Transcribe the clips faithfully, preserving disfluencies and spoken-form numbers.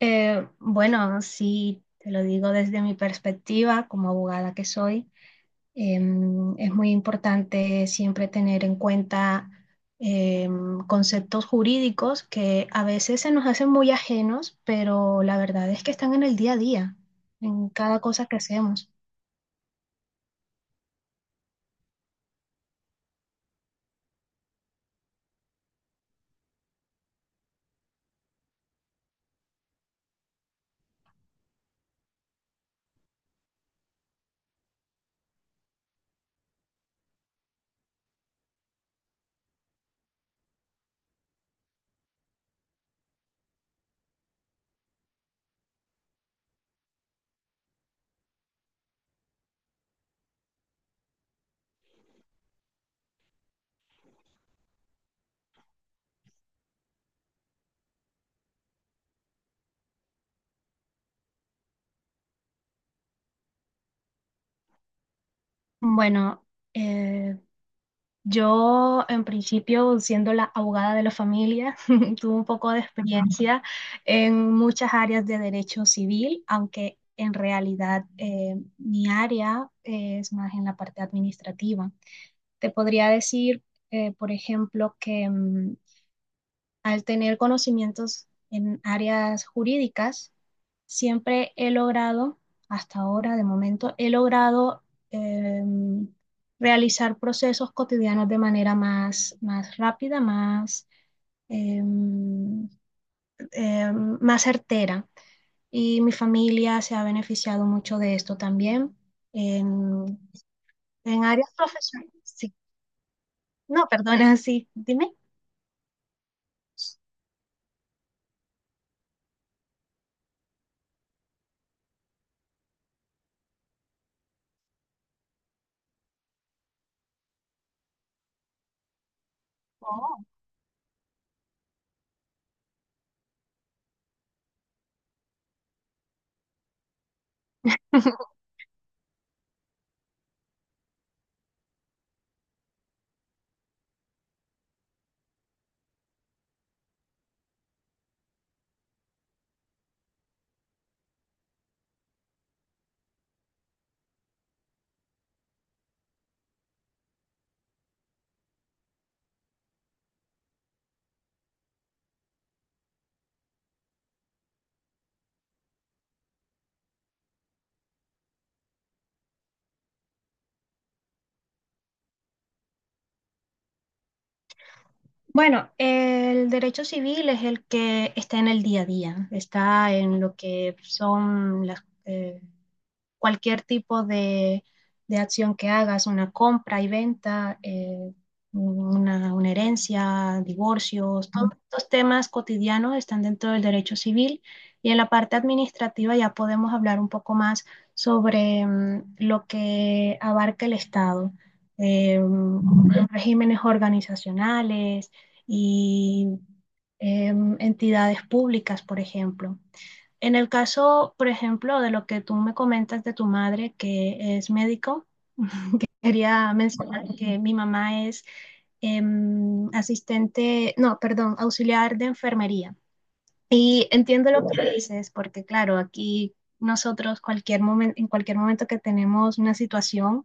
Eh, bueno, sí, te lo digo desde mi perspectiva como abogada que soy, em, es muy importante siempre tener en cuenta em, conceptos jurídicos que a veces se nos hacen muy ajenos, pero la verdad es que están en el día a día, en cada cosa que hacemos. Bueno, eh, Yo, en principio, siendo la abogada de la familia, tuve un poco de experiencia en muchas áreas de derecho civil, aunque en realidad eh, mi área es más en la parte administrativa. Te podría decir, eh, por ejemplo, que mm, al tener conocimientos en áreas jurídicas, siempre he logrado, hasta ahora de momento, he logrado eh, realizar procesos cotidianos de manera más, más rápida, más, eh, eh, más certera. Y mi familia se ha beneficiado mucho de esto también. En, en áreas profesionales, sí. No, perdona, sí, dime. Oh. Bueno, el derecho civil es el que está en el día a día, está en lo que son las, eh, cualquier tipo de, de acción que hagas, una compra y venta, eh, una, una herencia, divorcios, todos estos temas cotidianos están dentro del derecho civil y en la parte administrativa ya podemos hablar un poco más sobre mm, lo que abarca el Estado, eh, los regímenes organizacionales y em, entidades públicas, por ejemplo. En el caso, por ejemplo, de lo que tú me comentas de tu madre, que es médico, quería mencionar que mi mamá es eh, asistente, no, perdón, auxiliar de enfermería. Y entiendo lo que dices, porque claro, aquí nosotros cualquier momento, en cualquier momento que tenemos una situación,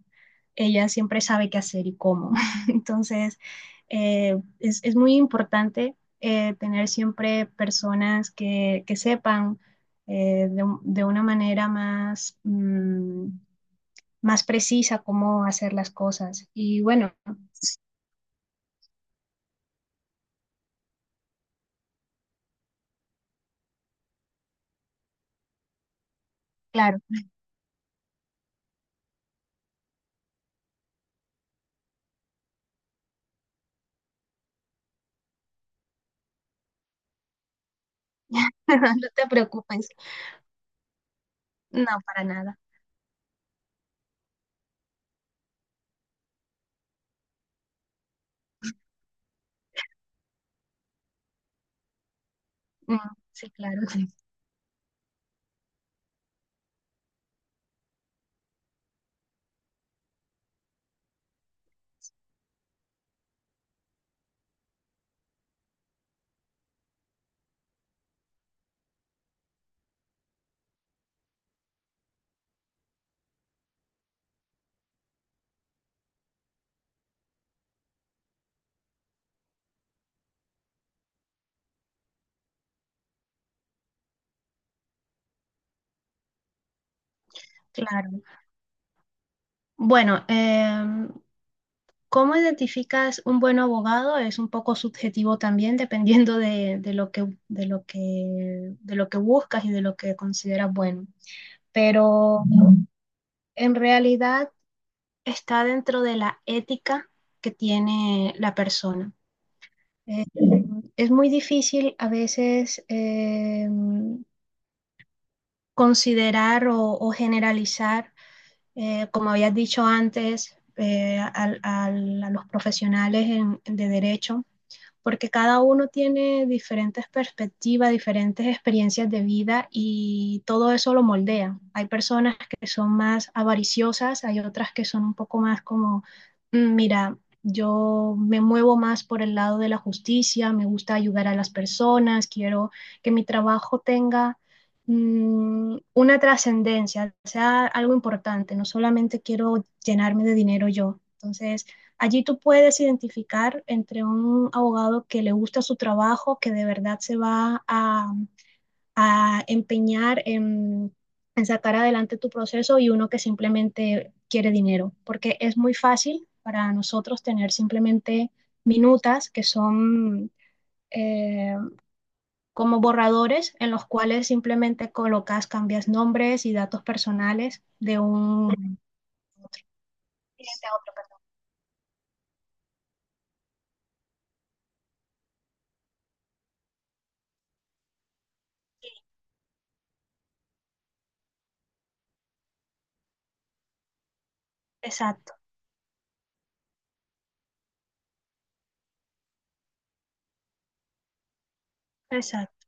ella siempre sabe qué hacer y cómo. Entonces, eh, es, es muy importante eh, tener siempre personas que, que sepan eh, de, un- de una manera más, mm, más precisa cómo hacer las cosas. Y claro, no te preocupes, no, para nada. Mm, sí, claro, claro. Bueno, em, ¿cómo identificas un buen abogado? Es un poco subjetivo también, dependiendo de, de lo que, de lo que, de lo que buscas y de lo que consideras bueno. Pero en realidad está dentro de la ética que tiene la persona. Eh, es muy difícil a veces em, considerar o o generalizar eh, como habías dicho antes, eh, al, al, a los profesionales en, de derecho, porque cada uno tiene diferentes perspectivas, diferentes experiencias de vida y todo eso lo moldea. Hay personas que son más avariciosas, hay otras que son un poco más como: "Mm, mira, yo me muevo más por el lado de la justicia, me gusta ayudar a las personas, quiero que mi trabajo tenga mmm, una trascendencia, sea algo importante, no solamente quiero llenarme de dinero yo". Entonces, Allí tú puedes identificar entre un abogado que le gusta su trabajo, que de verdad se va a, a empeñar en, en sacar adelante tu proceso, y uno que simplemente quiere dinero, porque es muy fácil para nosotros tener simplemente minutas que son eh, como borradores en los cuales simplemente colocas, cambias nombres y datos personales de un cliente a otro. Exacto, exacto.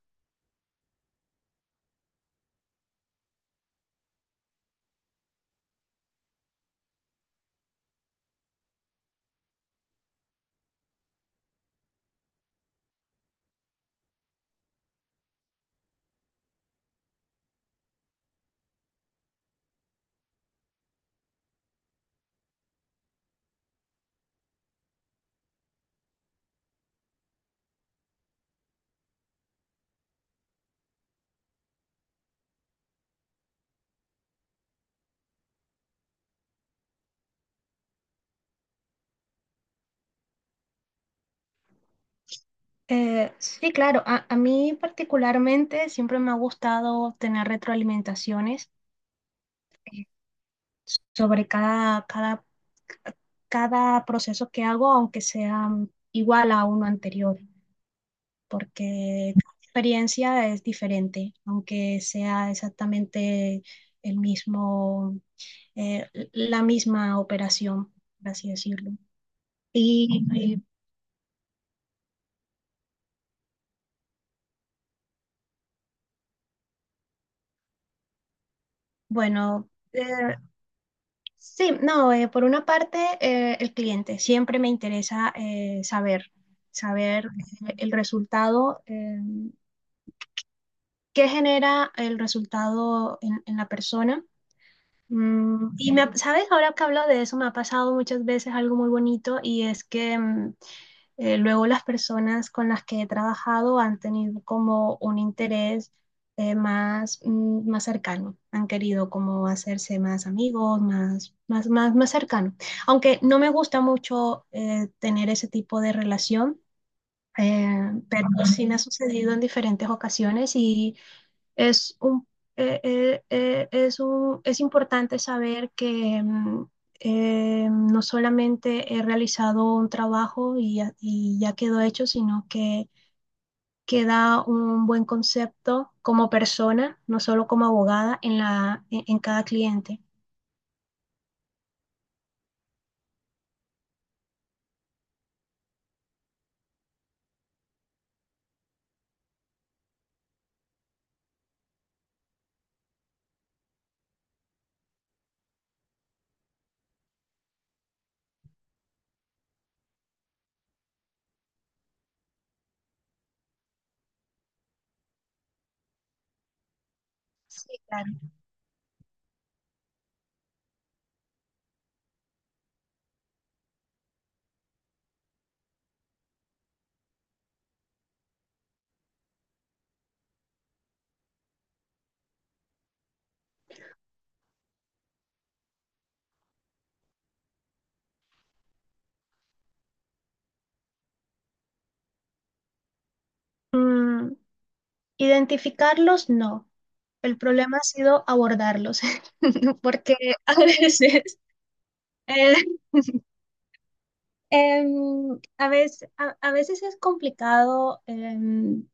Eh, sí, claro, a, a mí particularmente siempre me ha gustado tener retroalimentaciones eh, sobre cada, cada, cada proceso que hago, aunque sea mm, igual a uno anterior, porque cada experiencia es diferente, aunque sea exactamente el mismo, eh, la misma operación, por así decirlo. Y, y, bueno. eh, Sí, no, eh, por una parte, eh, el cliente. Siempre me interesa eh, saber, saber eh, el resultado, eh, qué genera el resultado en, en la persona. Mm, y me, ha- ¿sabes? Ahora que hablo de eso, me ha pasado muchas veces algo muy bonito, y es que mm, eh, luego las personas con las que he trabajado han tenido como un interés eh, más, mm, más cercano, han querido como hacerse más amigos, más, más, más, más cercano. Aunque no me gusta mucho eh, tener ese tipo de relación, eh, pero sí me ha sucedido en diferentes ocasiones. Y es un, eh, eh, eh, es un- es importante saber que mm, eh, no solamente he realizado un trabajo y ya, y ya quedó hecho, sino que queda un buen concepto como persona, no solo como abogada, en la, en, en cada cliente. Sí, claro. Mm, Identificarlos, no. El problema ha sido abordarlos, porque a veces... eh, Em, a veces, a, a veces es complicado em,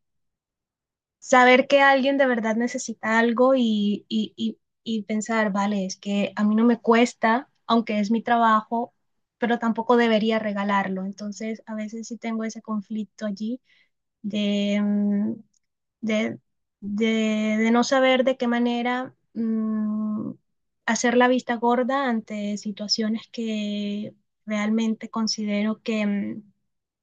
saber que alguien de verdad necesita algo y, y, y, y pensar, vale, es que a mí no me cuesta, aunque es mi trabajo, pero tampoco debería regalarlo. Entonces, a veces sí tengo ese conflicto allí de, em, de, de, de no saber de qué manera mm, hacer la vista gorda ante situaciones que realmente considero que... em,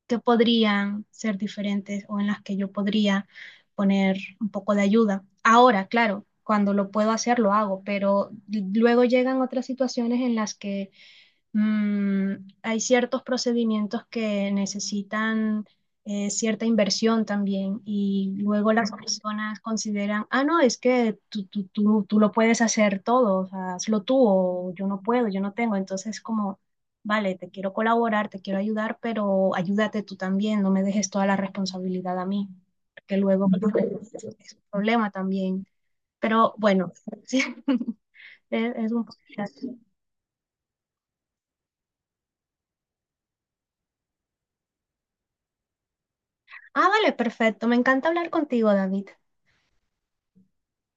que podrían ser diferentes, o en las que yo podría poner un poco de ayuda. Ahora, claro, cuando lo puedo hacer, lo hago, pero luego llegan otras situaciones en las que Mm, hay ciertos procedimientos que necesitan eh, cierta inversión también, y luego las, ujú, personas consideran: ah, no, es que tú, tú, tú, tú, lo puedes hacer todo, o sea, hazlo tú, o yo no puedo, yo no tengo. Entonces como, vale, te quiero colaborar, te quiero ayudar, pero ayúdate tú también, no me dejes toda la responsabilidad a mí, porque luego pues, ujú, es un problema también. Pero bueno, sí, es, es un poquito así. Ah, vale, perfecto. Me encanta hablar contigo, David.